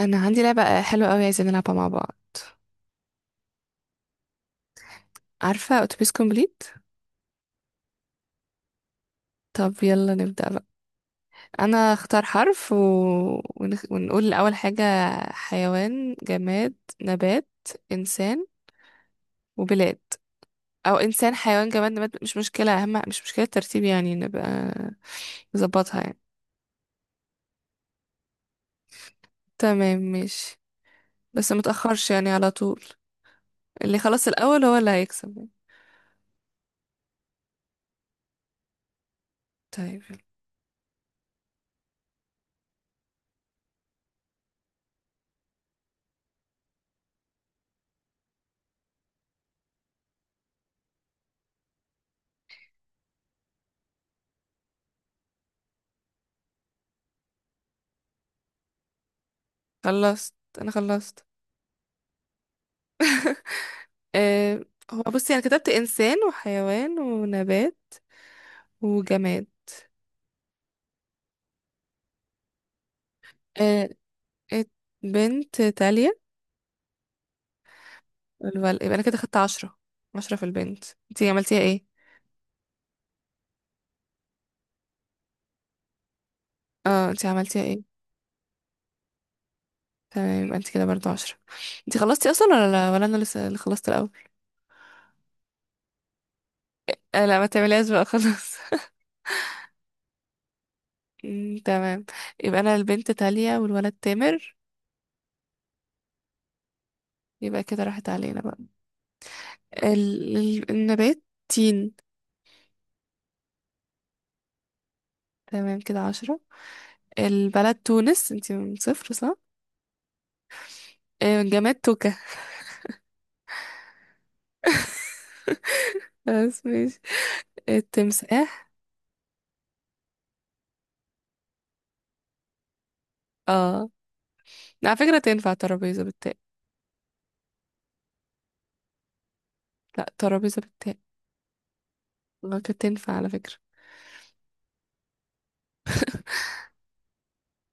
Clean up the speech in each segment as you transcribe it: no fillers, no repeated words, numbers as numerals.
انا عندي لعبة حلوة قوي عايزين نلعبها مع بعض. عارفة اتوبيس كومبليت؟ طب يلا نبدأ بقى. انا اختار حرف ونقول اول حاجة: حيوان، جماد، نبات، انسان وبلاد، او انسان، حيوان، جماد، نبات. مش مشكلة، اهم مش مشكلة الترتيب يعني، نبقى نظبطها يعني. تمام ماشي، بس متأخرش يعني على طول. اللي خلص الاول هو اللي هيكسب يعني. طيب يلا. خلصت، انا خلصت. أه، هو بصي انا كتبت انسان وحيوان ونبات وجماد. أه، ات- بنت تالية. يبقى انا كده خدت 10، 10 في البنت. انتي عملتيها ايه؟ اه، انتي عملتيها ايه؟ تمام، يبقى انتي كده برضو 10. انتي خلصتي اصلا ولا لا، ولا انا لسه اللي خلصت الاول؟ أه لا، ما تعمليهاش بقى خلاص. تمام. يبقى انا البنت تالية والولد تامر. يبقى كده راحت علينا بقى. النبات تين. تمام كده 10. البلد تونس، انتي من صفر صح؟ جماد توكة. بس ماشي. التمساح. اه، على فكرة تنفع ترابيزة بالتاء. لا، ترابيزة بالتاء. كانت تنفع على فكرة.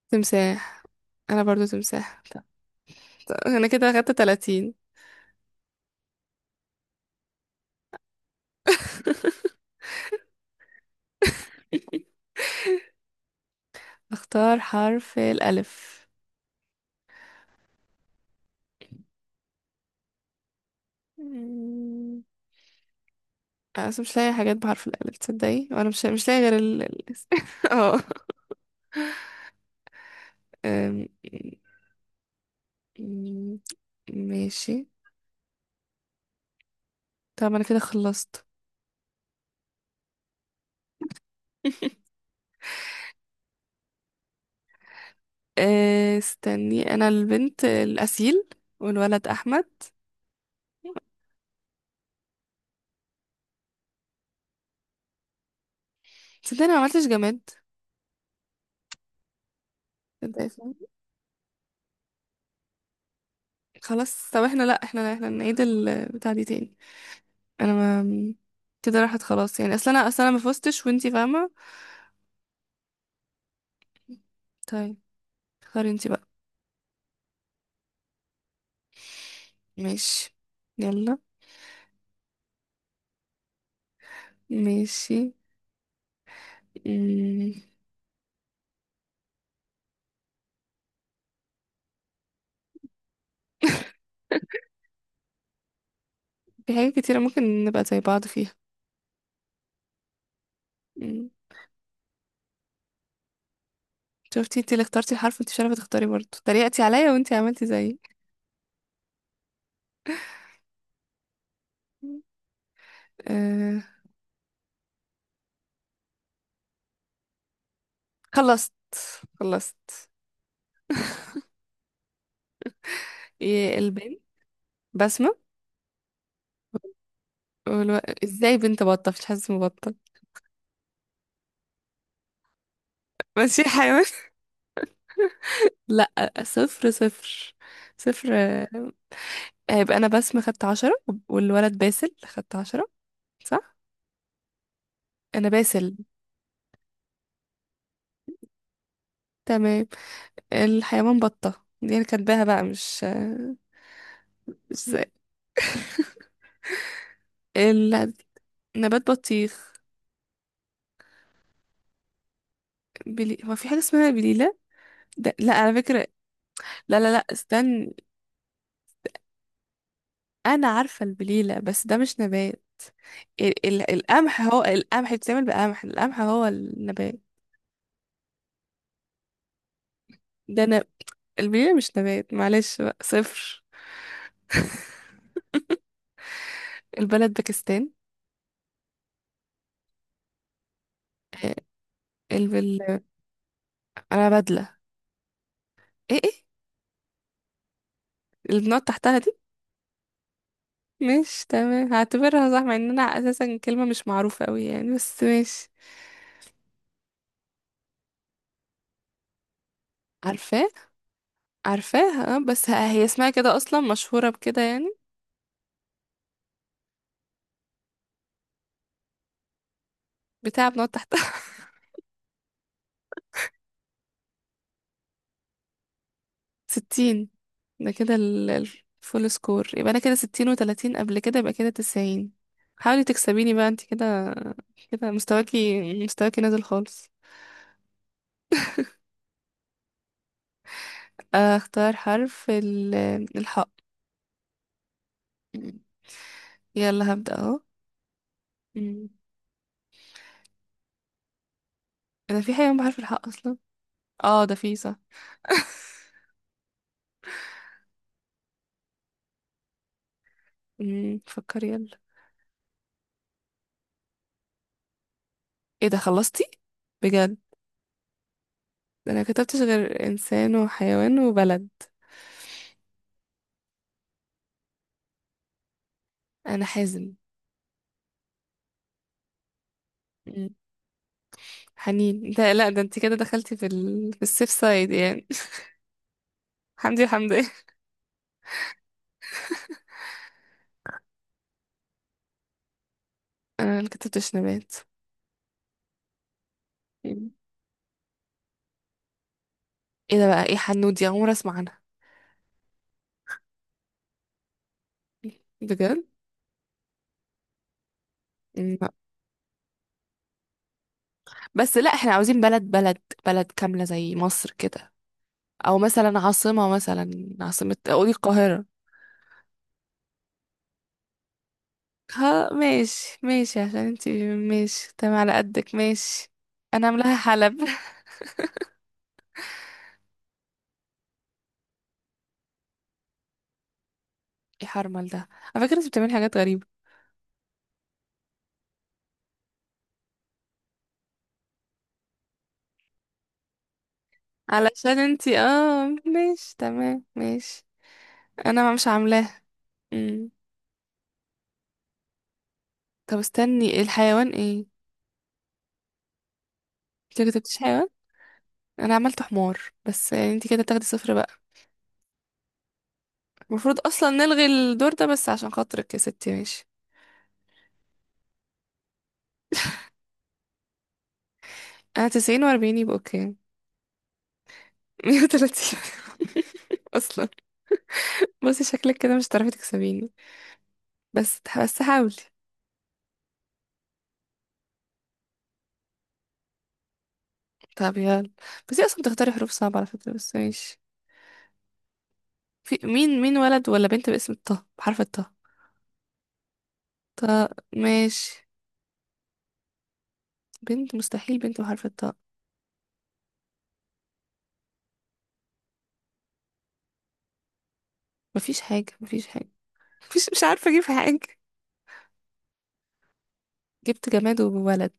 تمساح. انا برضو تمساح. انا كده اخدت 30. اختار حرف الالف. مم، أنا أصلا مش لاقي حاجات بحرف الألف تصدقي، وأنا مش لاقي غير اه. أم، مم، ماشي. طب أنا كده خلصت. استني، انا البنت الاسيل والولد احمد. صدقني ما عملتش جماد. صدقني فاهم؟ خلاص طب، احنا لا احنا احنا نعيد البتاع دي تاني. انا ما، كده راحت خلاص يعني، اصل انا ما فزتش وانتي فاهمه. طيب اختاري انتي بقى. ماشي، يلا. ماشي. مم. في حاجات كتيره ممكن نبقى زي بعض فيها. مم. شفتي، انتي اللي اخترتي الحرف وانتي مش عارفه تختاري، برضه تريقتي عليا وانتي عملتي زيي. أه. خلصت، خلصت. إيه البنت؟ بسمة. والو... ازاي بنت بطة؟ مش حاسس مبطل. ماشي حيوان. لا، صفر، صفر، صفر. هيبقى انا بسمة خدت 10 والولد باسل خدت 10، صح. انا باسل. تمام. الحيوان بطة دي انا كاتباها بقى، مش آه، مش زي- النبات بطيخ. هو في حاجة اسمها بليلة؟ لا على فكرة. لا استنى. انا عارفة البليلة بس ده مش نبات. القمح، هو القمح بيتعمل بقمح، القمح هو النبات. ده نب... البليلة مش نبات، معلش بقى صفر. البلد باكستان. آه، البل... انا بدلة. ايه ايه اللي بنقعد تحتها دي؟ مش تمام، هعتبرها صح مع ان انا اساسا كلمة مش معروفة قوي يعني بس ماشي. عارفاه، عارفاها آه، بس هي اسمها كده اصلا، مشهورة بكده يعني. بتاع بنقعد تحتها. 60. ده كده الفول سكور. يبقى انا كده 60، و30 قبل كده يبقى كده 90. حاولي تكسبيني بقى انت كده. كده مستواكي نازل خالص. اختار حرف الحاء. يلا هبدأ اهو. مم. انا في حيوان بحرف الحاء اصلا. اه ده في صح. فكري يلا. ايه ده خلصتي بجد؟ ده انا كتبتش غير انسان وحيوان وبلد. انا حازم. حنين، ده لا، ده انت كده دخلتي في في السيف سايد يعني. حمدي. انا اللي كتبتش نبات. ايه ده بقى، ايه حنود دي؟ عمري اسمع عنها بجد. مم. بس لا، احنا عاوزين بلد، بلد كاملة زي مصر كده، او مثلا عاصمة، مثلا عاصمة قولي القاهرة. ها ماشي ماشي، عشان انتي، ماشي تمام على قدك ماشي. انا عاملاها حلب. يا حرمل ده، على فكرة انتي بتعملي حاجات غريبة. علشان انتي اه، ماشي تمام ماشي. انا مش عاملاها. طب استني، الحيوان ايه؟ انت كتبتيش حيوان. انا عملت حمار بس، يعني انت كده تاخدي صفر بقى. المفروض اصلا نلغي الدور ده بس عشان خاطرك يا ستي ماشي. انا 90 و40 يبقى اوكي 130. اصلا. بصي شكلك كده مش هتعرفي تكسبيني. بس حاولي. طب يلا. بس هي اصلا بتختاري حروف صعبة على فكرة، بس ماشي. في مين ولد ولا بنت باسم الطه بحرف الطه؟ طه، ماشي. بنت مستحيل بنت بحرف الطه. مفيش حاجة، مفيش حاجة. مفيش، مش عارفة اجيب حاجة. جبت جماد وولد.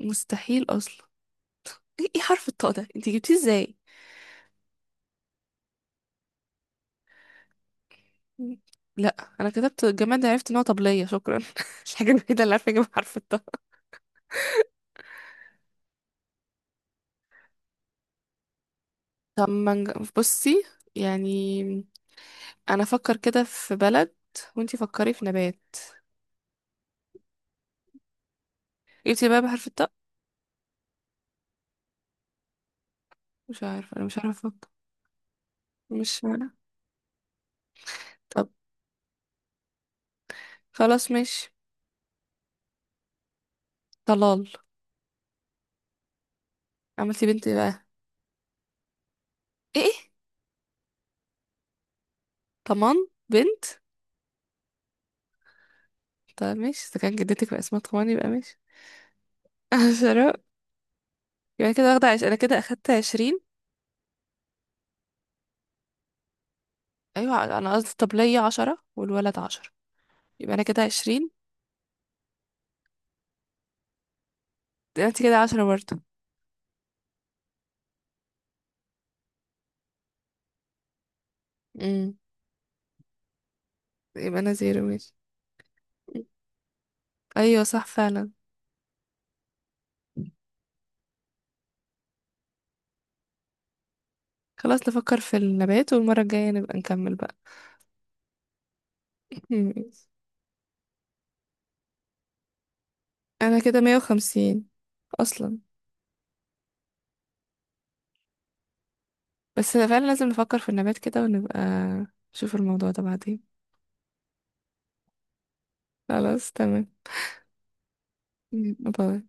مستحيل اصلا. ايه إيه حرف الطاء ده انتي جبتيه ازاي؟ لا انا كتبت جماد، عرفت ان هو طبلية، شكرا. الحاجة الوحيدة اللي عارفة اجيب حرف الطاء. طب ما نج- بصي، يعني انا افكر كده في بلد وانتي فكري في نبات. جبتي بقى بحرف الطاء؟ مش عارفة، انا مش عارفة افكر. مش عارفة. طب خلاص ماشي. طلال. عملتي بنت إيه بقى؟ ايه إيه؟ طمان؟ بنت؟ طب ماشي، اذا كان جدتك بقى اسمها طمان يبقى ماشي. شراء. يبقى كده انا كده اخدت 20. ايوه انا قصدي، طب ليا 10 والولد 10 يبقى انا كده 20. انت كده 10 برضه. امم. يبقى انا زيرو ماشي. ايوه صح فعلا. خلاص نفكر في النبات والمرة الجاية نبقى نكمل بقى. ماشي. انا كده 150 اصلا. بس فعلا لازم نفكر في النبات كده، ونبقى نشوف الموضوع ده بعدين. خلاص تمام. مم. باي.